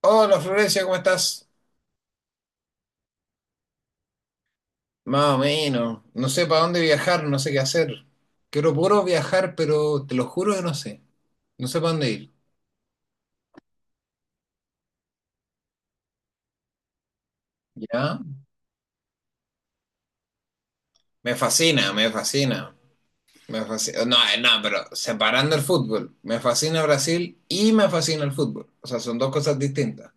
Hola Florencia, ¿cómo estás? Más o menos. No sé para dónde viajar, no sé qué hacer. Quiero puro viajar, pero te lo juro que no sé. No sé para dónde ir. ¿Ya? Me fascina, me fascina. Me fascina. No, no, pero separando el fútbol. Me fascina Brasil y me fascina el fútbol. O sea, son dos cosas distintas.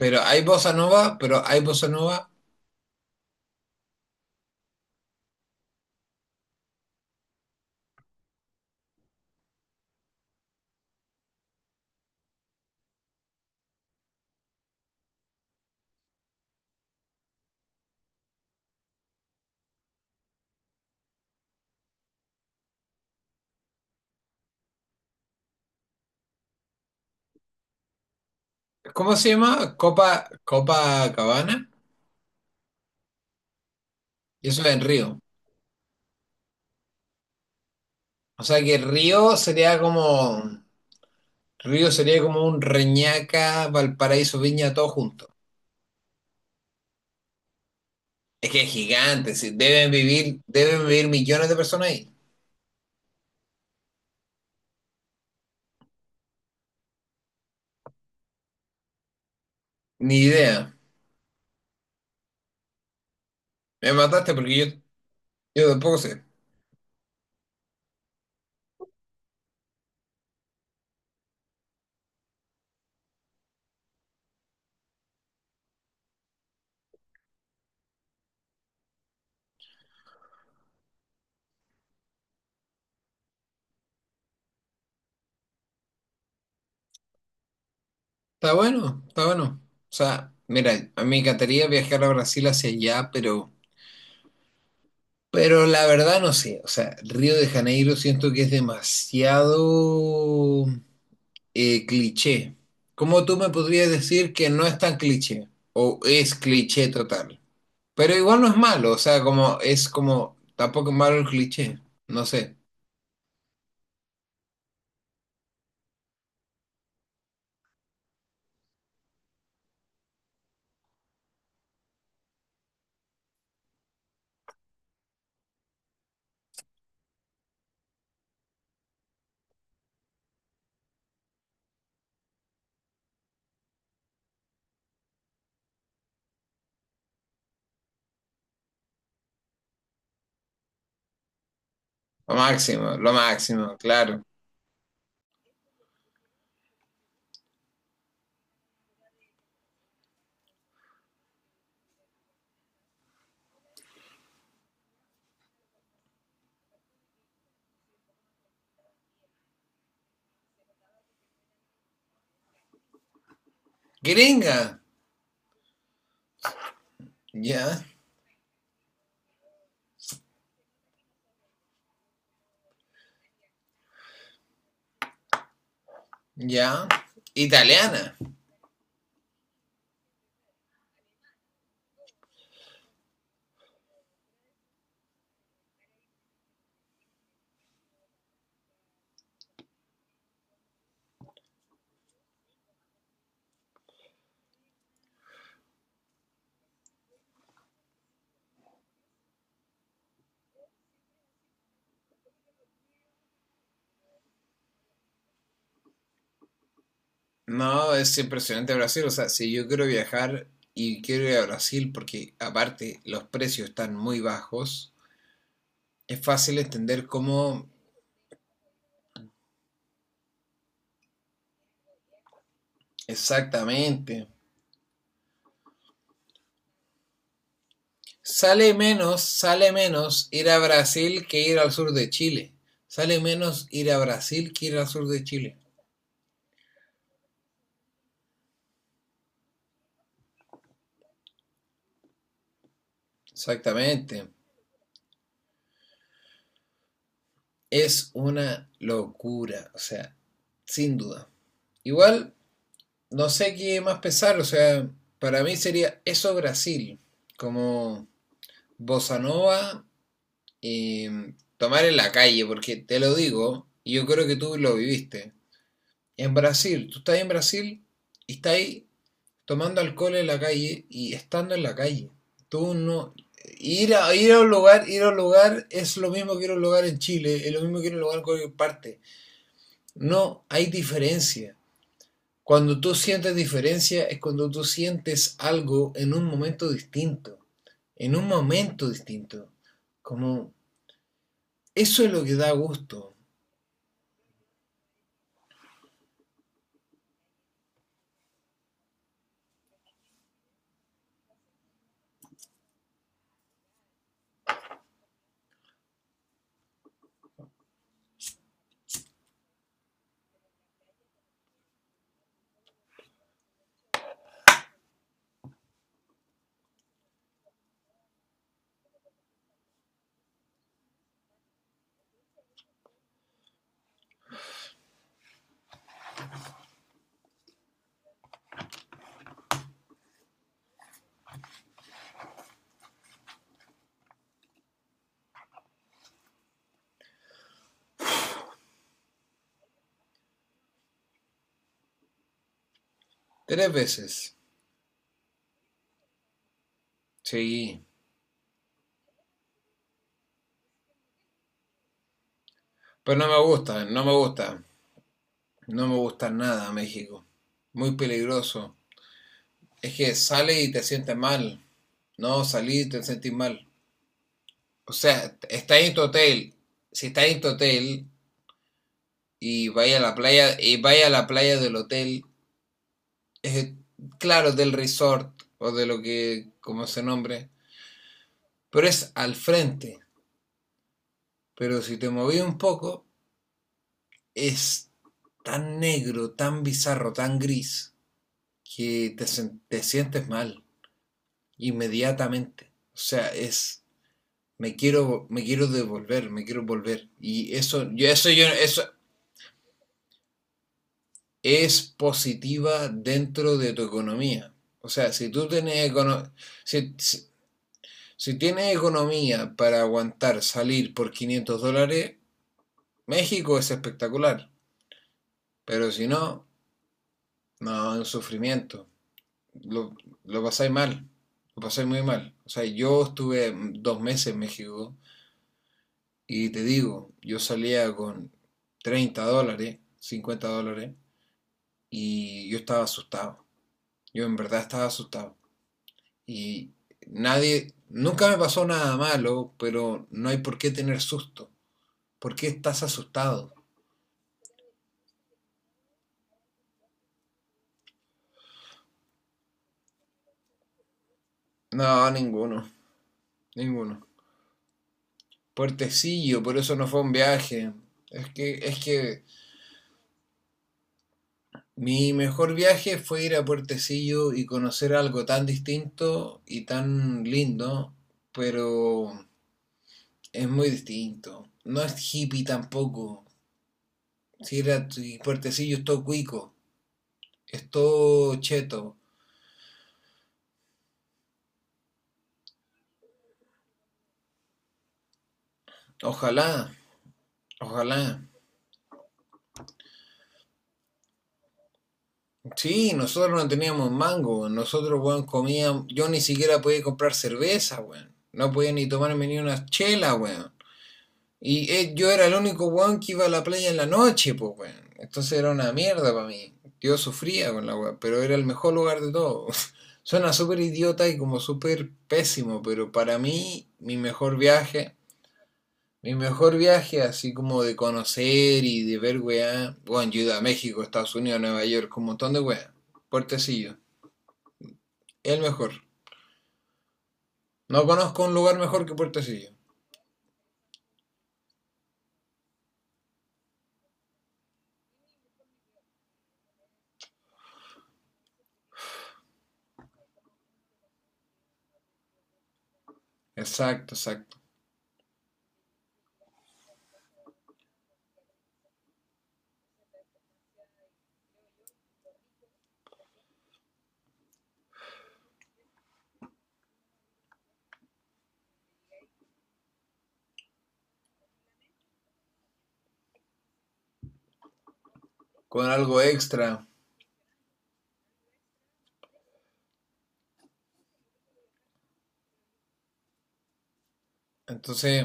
Pero hay bossa nova, pero hay bossa nova. ¿Cómo se llama? Copa, Copa Cabana. Y eso es en Río. O sea que Río sería como. Río sería como un Reñaca, Valparaíso, Viña, todo junto. Es que es gigante, sí, deben vivir millones de personas ahí. Ni idea. Me mataste porque yo tampoco sé. Está bueno, está bueno. O sea, mira, a mí me encantaría viajar a Brasil hacia allá, pero la verdad no sé. O sea, Río de Janeiro siento que es demasiado cliché. ¿Cómo tú me podrías decir que no es tan cliché? ¿O es cliché total? Pero igual no es malo, o sea, como es como, tampoco es malo el cliché, no sé, lo máximo, claro. Gringa, ya, ya, italiana. No, es impresionante Brasil, o sea, si yo quiero viajar y quiero ir a Brasil porque aparte los precios están muy bajos, es fácil entender cómo exactamente. Sale menos ir a Brasil que ir al sur de Chile. Sale menos ir a Brasil que ir al sur de Chile. Exactamente. Es una locura, o sea, sin duda. Igual, no sé qué más pesar, o sea, para mí sería eso Brasil, como bossa nova, tomar en la calle, porque te lo digo, y yo creo que tú lo viviste. En Brasil, tú estás en Brasil y estás ahí tomando alcohol en la calle y estando en la calle. Tú no ir a un lugar, ir a un lugar es lo mismo que ir a un lugar en Chile, es lo mismo que ir a un lugar en cualquier parte. No hay diferencia. Cuando tú sientes diferencia es cuando tú sientes algo en un momento distinto, en un momento distinto. Como eso es lo que da gusto. Tres veces. Sí. Pero no me gusta, no me gusta. No me gusta nada México. Muy peligroso. Es que sales y te sientes mal. No, salí y te sentís mal. O sea, está en tu hotel. Si está en tu hotel y vaya a la playa, y vaya a la playa del hotel, es, claro, del resort o de lo que, como se nombre, pero es al frente. Pero si te moví un poco, es tan negro, tan bizarro, tan gris, que te sientes mal inmediatamente. O sea, es me quiero devolver, me quiero volver. Y eso, yo, eso, yo, eso es positiva dentro de tu economía. O sea, si tú tienes, econo si, si, si tienes economía para aguantar salir por $500, México es espectacular. Pero si no, no, es un sufrimiento. Lo, lo pasáis mal, lo pasáis muy mal. O sea, yo estuve 2 meses en México y te digo, yo salía con $30, $50, y yo estaba asustado. Yo en verdad estaba asustado. Y nadie, nunca me pasó nada malo, pero no hay por qué tener susto. ¿Por qué estás asustado? No, ninguno, ninguno. Puertecillo, por eso no fue un viaje. Es que mi mejor viaje fue ir a Puertecillo y conocer algo tan distinto y tan lindo, pero es muy distinto. No es hippie tampoco. Si Puertecillo es todo cuico. Es todo cheto. Ojalá, ojalá. Sí, nosotros no teníamos mango, nosotros, weón, comíamos, yo ni siquiera podía comprar cerveza, weón. No podía ni tomarme ni una chela, weón. Y yo era el único weón que iba a la playa en la noche, pues, weón. Entonces era una mierda para mí. Yo sufría con la weón, pero era el mejor lugar de todo. Suena súper idiota y como súper pésimo, pero para mí, Mi mejor viaje, así como de conocer y de ver weá. Bueno, yo he ido a México, Estados Unidos, Nueva York, un montón de weá. Puertecillo, el mejor. No conozco un lugar mejor que Puertecillo. Exacto, exacto. Con algo extra. Entonces,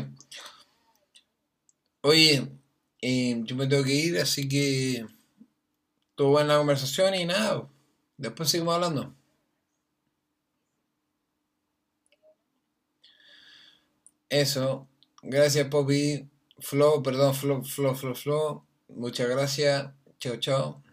oye, yo me tengo que ir, así que estuvo buena la conversación y nada. Después seguimos hablando. Eso. Gracias, Poppy. Flo, perdón, Flo, Flo, Flo, Flo. Muchas gracias. Chao, chao.